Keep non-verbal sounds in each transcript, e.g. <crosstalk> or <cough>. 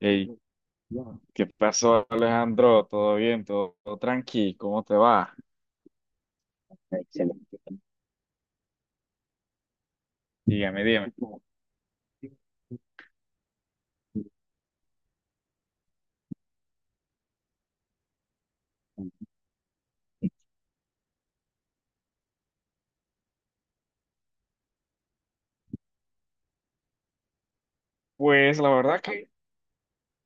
Hey. Ya. ¿Qué pasó, Alejandro? ¿Todo bien? ¿Todo, todo tranqui? ¿Cómo te va? Dígame, dígame. Pues la verdad que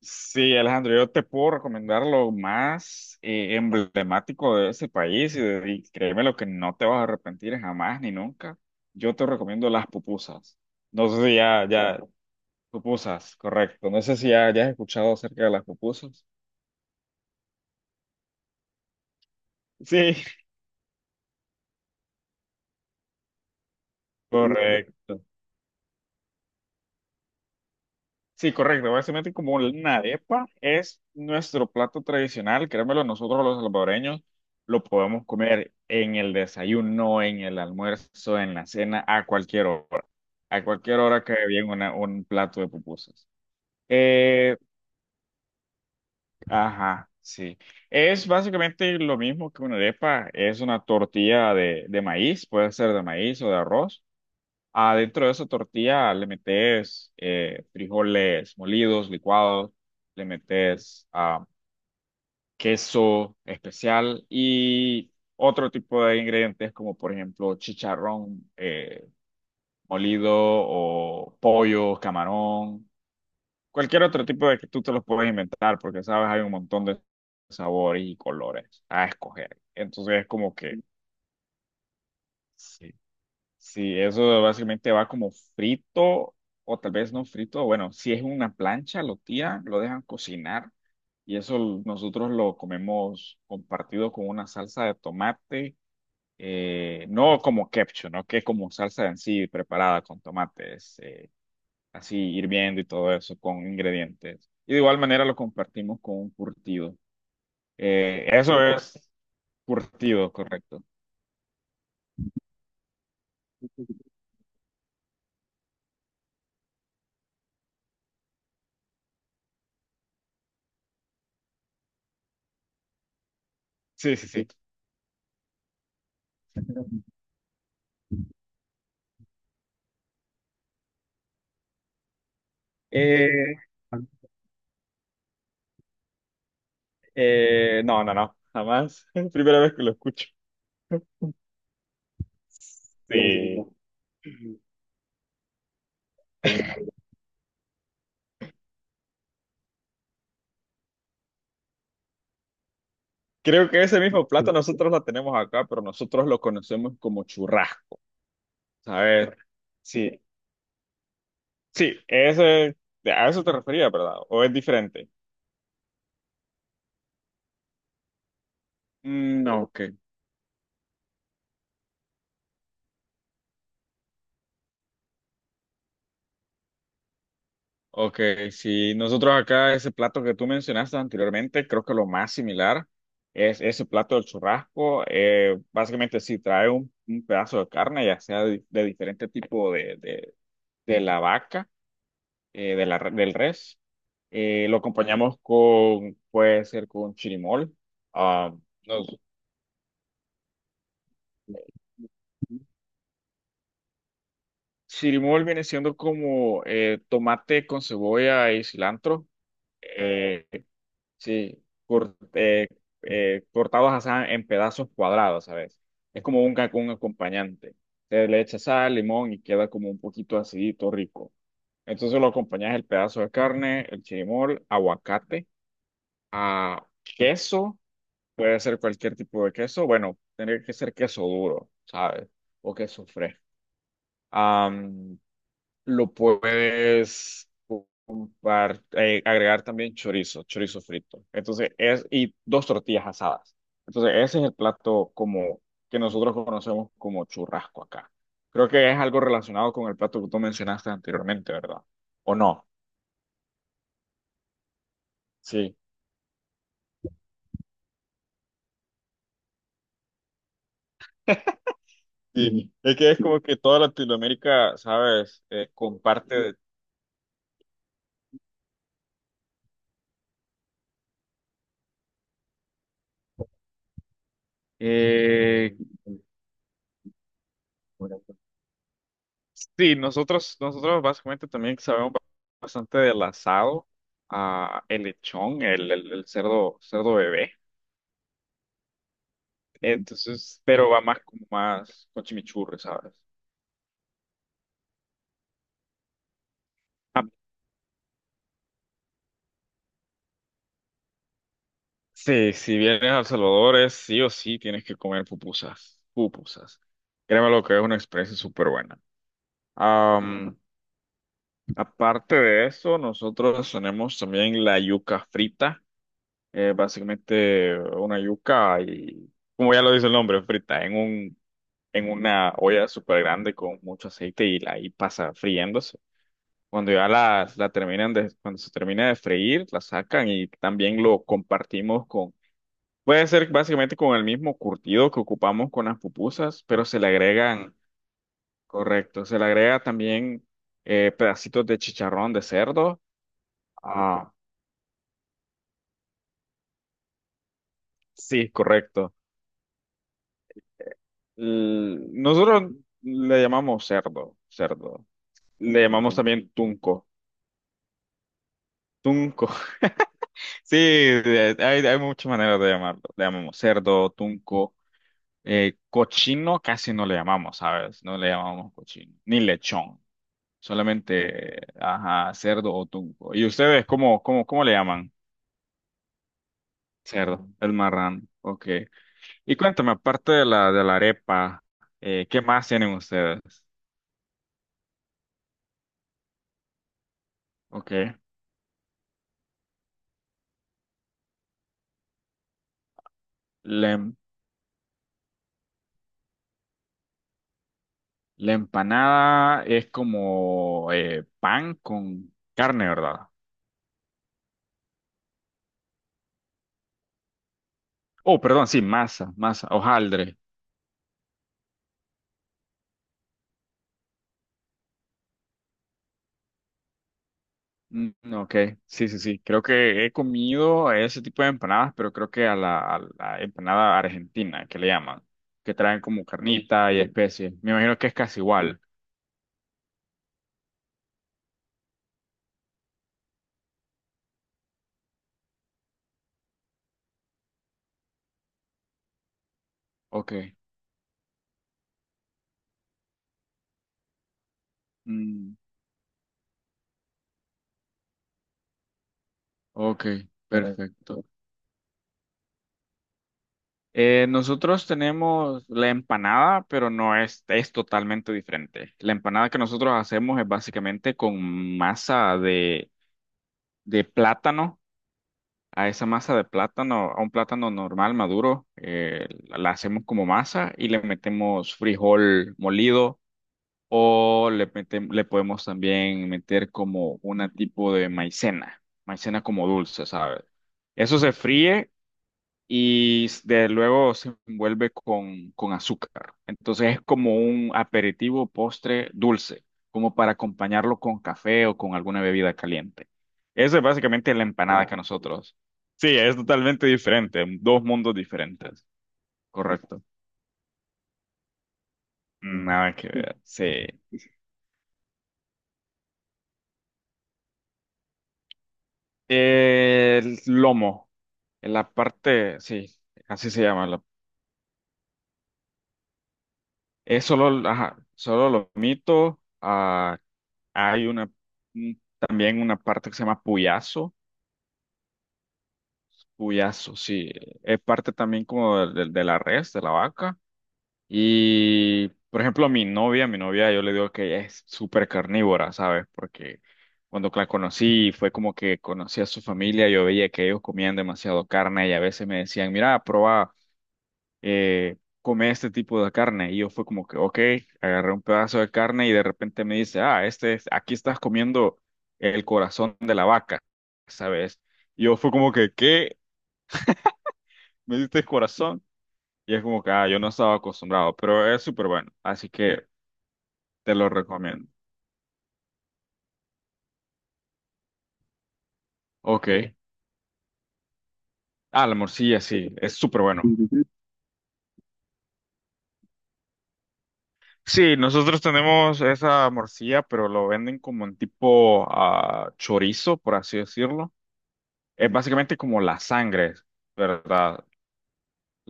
sí, Alejandro, yo te puedo recomendar lo más emblemático de ese país y, y créeme lo que no te vas a arrepentir jamás ni nunca. Yo te recomiendo las pupusas. No sé si ya, ya, pupusas, correcto. No sé si ya, ya has escuchado acerca de las pupusas. Sí, correcto. Sí, correcto. Básicamente como una arepa es nuestro plato tradicional, créemelo, nosotros los salvadoreños lo podemos comer en el desayuno, en el almuerzo, en la cena, a cualquier hora. A cualquier hora cae bien un plato de pupusas. Eh, ajá, sí. Es básicamente lo mismo que una arepa, es una tortilla de maíz, puede ser de maíz o de arroz. Adentro de esa tortilla le metes frijoles molidos, licuados, le metes queso especial y otro tipo de ingredientes como por ejemplo chicharrón molido o pollo, camarón, cualquier otro tipo de que tú te los puedes inventar porque sabes hay un montón de sabores y colores a escoger. Entonces es como que sí. Sí, eso básicamente va como frito o tal vez no frito. Bueno, si es una plancha, lo tiran, lo dejan cocinar y nosotros lo comemos compartido con una salsa de tomate, no como ketchup, ¿no? Que es como salsa en sí preparada con tomates, así hirviendo y todo eso con ingredientes. Y de igual manera lo compartimos con un curtido. Eso es curtido, correcto. <laughs> Sí, sí, sí. Eh, no, no, no, jamás. <laughs> Es la primera vez que lo escucho. Sí. Creo que ese mismo plato nosotros lo tenemos acá, pero nosotros lo conocemos como churrasco. A ver, sí, sí, ese, a eso te refería, ¿verdad? ¿O es diferente? Mm, no, ok, ok, sí, nosotros acá ese plato que tú mencionaste anteriormente, creo que lo más similar es ese plato del churrasco. Básicamente sí, trae un pedazo de carne, ya sea de diferente tipo de la vaca. De la, del res. Lo acompañamos con, puede ser con chirimol. Ah, nos- chirimol viene siendo como tomate con cebolla y cilantro. Eh, sí, cortados así en pedazos cuadrados, ¿sabes? Es como un, un acompañante. Se le echa sal, limón y queda como un poquito acidito, rico. Entonces lo acompañas el pedazo de carne, el chirimol, aguacate, a queso. Puede ser cualquier tipo de queso. Bueno, tendría que ser queso duro, ¿sabes? O queso fresco. Am, lo puedes ocupar, agregar también chorizo, chorizo frito. Entonces, es, y dos tortillas asadas. Entonces, ese es el plato como que nosotros conocemos como churrasco acá. Creo que es algo relacionado con el plato que tú mencionaste anteriormente, ¿verdad? ¿O no? Sí. Sí. Es que es como que toda Latinoamérica, ¿sabes? Comparte eh, sí, nosotros básicamente también sabemos bastante del asado, ah, el lechón, el cerdo, cerdo bebé. Entonces, pero va más como más con chimichurri, ¿sabes? Ah, sí, si vienes a El Salvador, es sí o sí tienes que comer pupusas, pupusas. Créeme lo que es una experiencia súper buena. Am, aparte de eso, nosotros tenemos también la yuca frita, básicamente una yuca y como ya lo dice el nombre, frita en un en una olla súper grande con mucho aceite y la ahí pasa friéndose. Cuando ya la terminan de, cuando se termina de freír, la sacan y también lo compartimos con, puede ser básicamente con el mismo curtido que ocupamos con las pupusas, pero se le agregan, correcto, se le agrega también pedacitos de chicharrón de cerdo. Ah, sí, correcto. Eh, Nosotros le llamamos cerdo, cerdo. Le llamamos también tunco. Tunco. <laughs> Sí, hay, hay muchas maneras de llamarlo. Le llamamos cerdo, tunco. Cochino casi no le llamamos, ¿sabes? No le llamamos cochino, ni lechón. Solamente, ajá, cerdo o tunco. ¿Y ustedes cómo, cómo, cómo le llaman? Cerdo, el marrán. Ok. Y cuéntame, aparte de la arepa, ¿qué más tienen ustedes? Ok. La, la empanada es como pan con carne, ¿verdad? Oh, perdón, sí, masa, masa, hojaldre. Mm, ok, sí, sí, sí. Creo que he comido ese tipo de empanadas, pero creo que a la empanada argentina, que le llaman, que traen como carnita y especies. Me imagino que es casi igual. Ok, mm, ok, perfecto. Nosotros tenemos la empanada, pero no es, es totalmente diferente. La empanada que nosotros hacemos es básicamente con masa de plátano a esa masa de plátano, a un plátano normal maduro, la hacemos como masa y le metemos frijol molido o le podemos también meter como una tipo de maicena, maicena como dulce, ¿sabes? Eso se fríe y de luego se envuelve con azúcar. Entonces es como un aperitivo, postre dulce, como para acompañarlo con café o con alguna bebida caliente. Eso es básicamente la empanada que nosotros. Sí, es totalmente diferente, dos mundos diferentes. Correcto. Nada que ver. Sí. El lomo, la parte, sí, así se llama. Es solo, ajá, solo lomito, ah, hay una, también una parte que se llama puyazo. Puyazo, sí. Es parte también como de, de la res, de la vaca. Y, por ejemplo, mi novia, yo le digo que ella es súper carnívora, ¿sabes? Porque cuando la conocí, fue como que conocí a su familia, yo veía que ellos comían demasiado carne y a veces me decían, mira, prueba come este tipo de carne. Y yo fue como que, ok, agarré un pedazo de carne y de repente me dice, ah, este es, aquí estás comiendo el corazón de la vaca, ¿sabes? Y yo fue como que, ¿qué? ¿Me diste el corazón? Y es como que, ah, yo no estaba acostumbrado, pero es súper bueno, así que te lo recomiendo. Ok. Ah, la morcilla, sí, es súper bueno. Sí, nosotros tenemos esa morcilla, pero lo venden como en tipo ah, chorizo, por así decirlo. Es básicamente como la sangre, ¿verdad?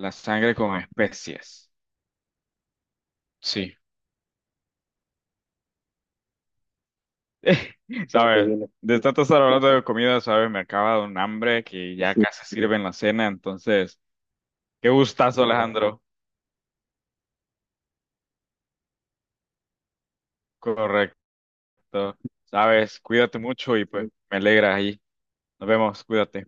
La sangre con especies. Sí. <laughs> Eso que, ¿sabes? Viene. De tanto estar hablando de comida, ¿sabes? Me acaba de dar un hambre que ya. Sí, casi sirven la cena. Entonces, qué gustazo, Alejandro. Correcto. ¿Sabes? Cuídate mucho y pues me alegra ahí. Nos vemos. Cuídate.